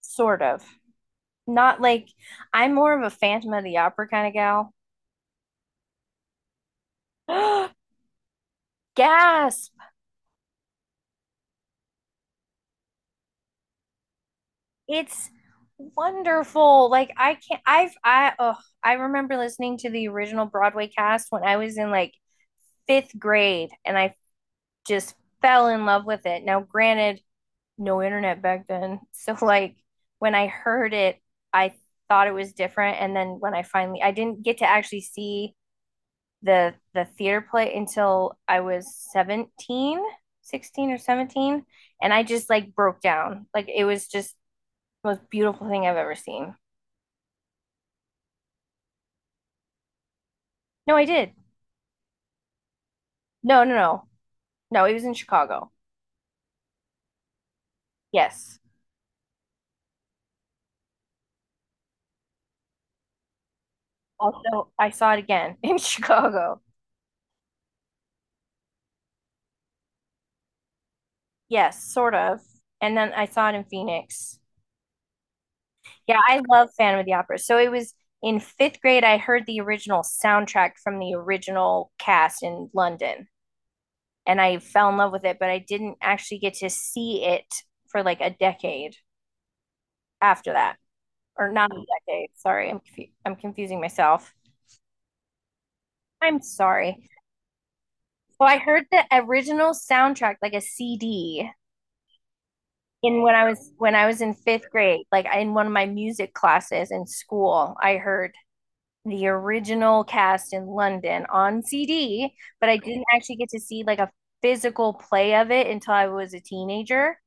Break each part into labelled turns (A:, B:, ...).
A: Sort of. Not like I'm more of a Phantom of the Opera kind of gal. Gasp! It's wonderful. Like I can't I've I oh I remember listening to the original Broadway cast when I was in like fifth grade and I just fell in love with it. Now, granted, no internet back then. So like when I heard it, I thought it was different. And then when I finally I didn't get to actually see the theater play until I was 17, 16 or 17, and I just like broke down. Like it was just the most beautiful thing I've ever seen. No, I did. No, no, no. No, it was in Chicago. Yes. Also, I saw it again in Chicago. Yes, sort of. And then I saw it in Phoenix. Yeah, I love Phantom of the Opera. So it was in fifth grade, I heard the original soundtrack from the original cast in London. And I fell in love with it, but I didn't actually get to see it for like a decade after that, or not a decade. Sorry, I'm confusing myself. I'm sorry. So I heard the original soundtrack like a CD in when I was in fifth grade, like in one of my music classes in school. I heard the original cast in London on CD, but I didn't actually get to see like a physical play of it until I was a teenager.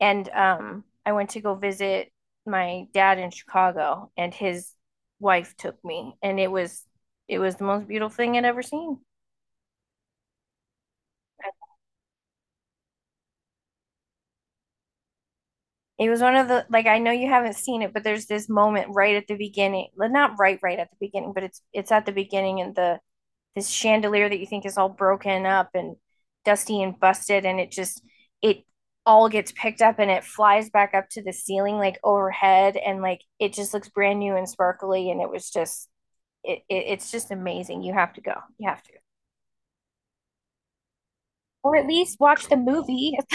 A: And I went to go visit my dad in Chicago, and his wife took me, and it was the most beautiful thing I'd ever seen. It was one of the like, I know you haven't seen it, but there's this moment right at the beginning. Well, not right at the beginning, but it's at the beginning. In the this chandelier that you think is all broken up and dusty and busted, and it just it all gets picked up and it flies back up to the ceiling like overhead, and like it just looks brand new and sparkly, and it was just it's just amazing. You have to go. You have to or at least watch the movie, at,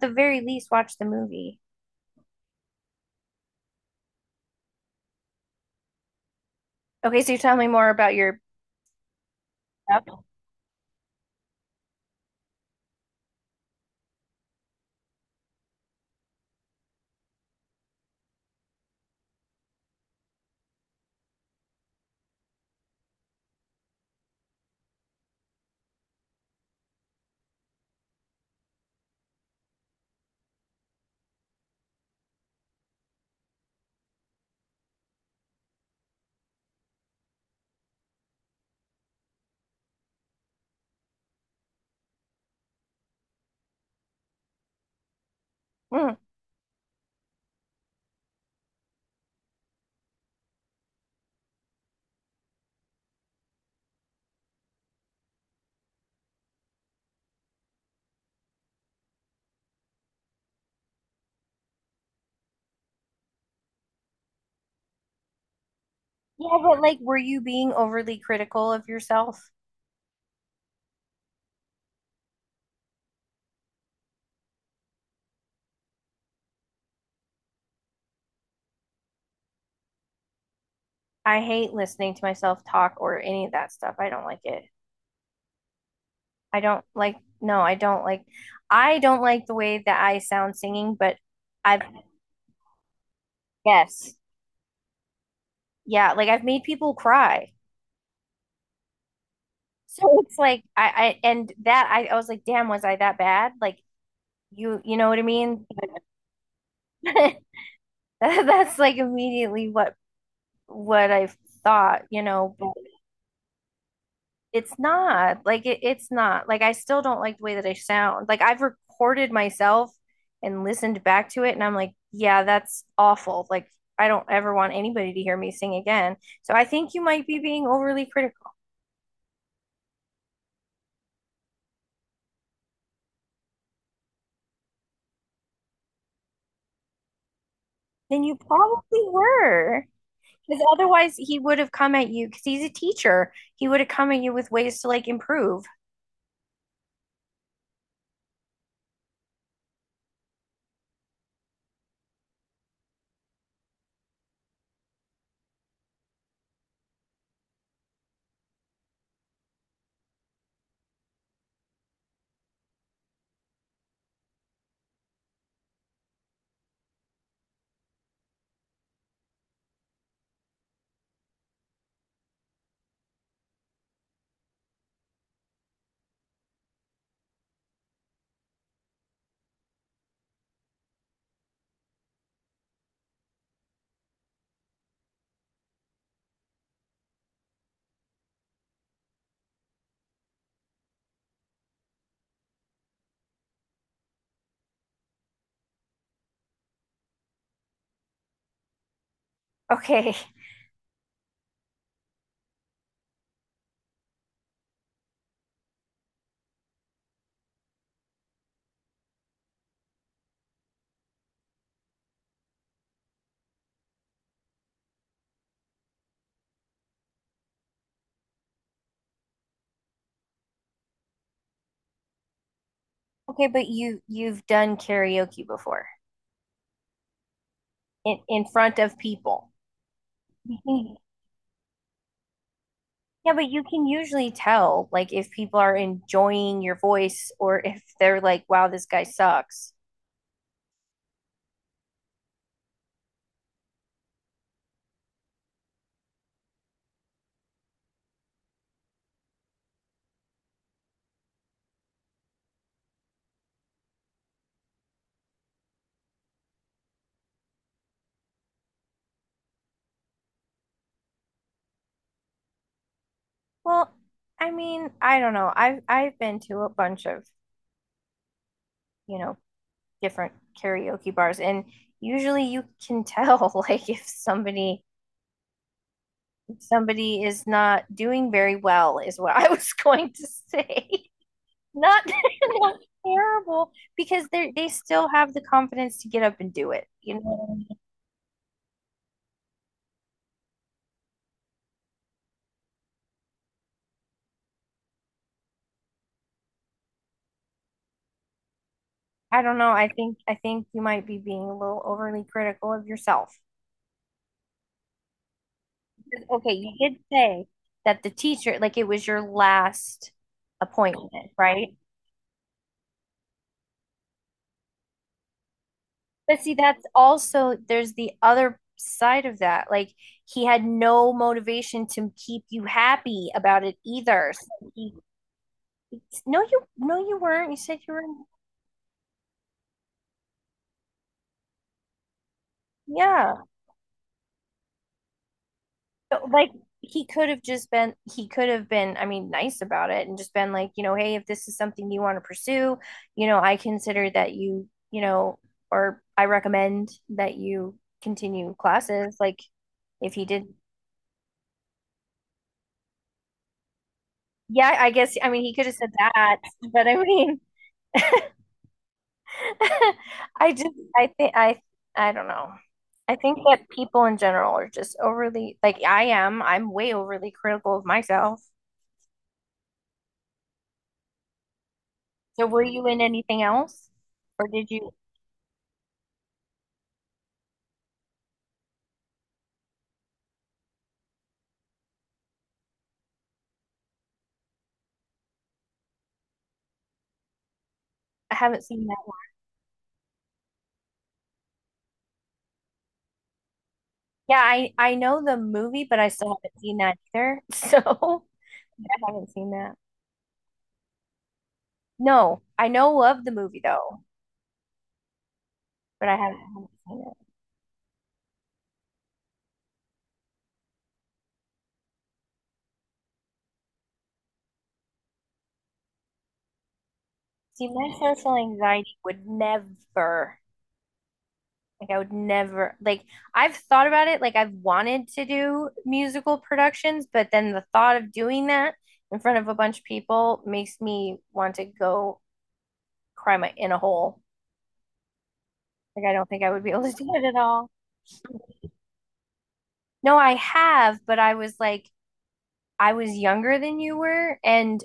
A: the very least watch the movie. Okay, so tell me more about your Yep. Mm. Yeah, but like, were you being overly critical of yourself? I hate listening to myself talk or any of that stuff. I don't like it. I don't like, no, I don't like, I don't like the way that I sound singing, but I've, yes, yeah, like I've made people cry. So it's like, and that, I was like, damn, was I that bad? Like, you know what I mean? That's like immediately what I thought, you know, it's not like it's not like I still don't like the way that I sound. Like I've recorded myself and listened back to it, and I'm like, yeah, that's awful. Like I don't ever want anybody to hear me sing again. So I think you might be being overly critical. Then you probably were. Because otherwise, he would have come at you because he's a teacher. He would have come at you with ways to like improve. Okay. Okay, but you've done karaoke before in front of people. You can yeah, but you can usually tell like if people are enjoying your voice or if they're like, wow, this guy sucks. Well, I mean, I don't know. I've been to a bunch of, you know, different karaoke bars, and usually you can tell like if somebody is not doing very well is what I was going to say. Not, not terrible, because they still have the confidence to get up and do it. You know what I mean? I don't know. I think you might be being a little overly critical of yourself. Okay, you did say that the teacher, like it was your last appointment, right? But see, that's also there's the other side of that. Like he had no motivation to keep you happy about it either. So he, no, you no, you weren't. You said you were. Yeah. But like, he could have just been he could have been, I mean, nice about it and just been like, you know, hey, if this is something you want to pursue, you know, I consider that you know, or I recommend that you continue classes. Like if he did, yeah, I guess, I mean, he could have said that, but I mean, I think I don't know. I think that people in general are just overly, like, I am, I'm way overly critical of myself. So were you in anything else or did you I haven't seen that. Yeah, I know the movie, but I still haven't seen that either. So I haven't seen that. No, I know of the movie though, but I haven't seen it. See, my social anxiety would never, like, I would never, like, I've thought about it. Like, I've wanted to do musical productions, but then the thought of doing that in front of a bunch of people makes me want to go cry my in a hole. Like, I don't think I would be able to do it at all. No, I have, but I was like, I was younger than you were, and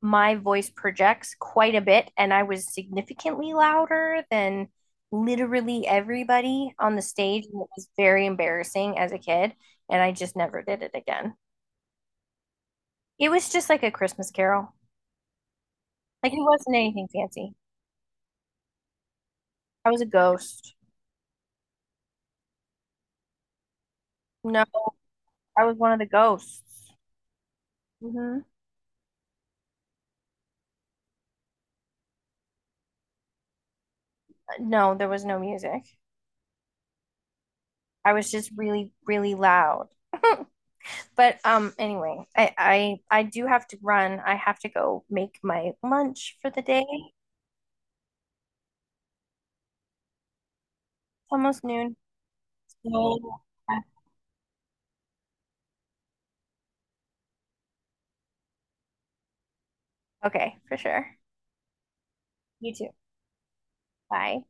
A: my voice projects quite a bit, and I was significantly louder than literally everybody on the stage. And it was very embarrassing as a kid, and I just never did it again. It was just like a Christmas carol. Like it wasn't anything fancy. I was a ghost. No, I was one of the ghosts. Hmm. No, there was no music. I was just really, really loud. But anyway, I do have to run. I have to go make my lunch for the day. It's almost noon. So, okay, for sure. You too. Bye.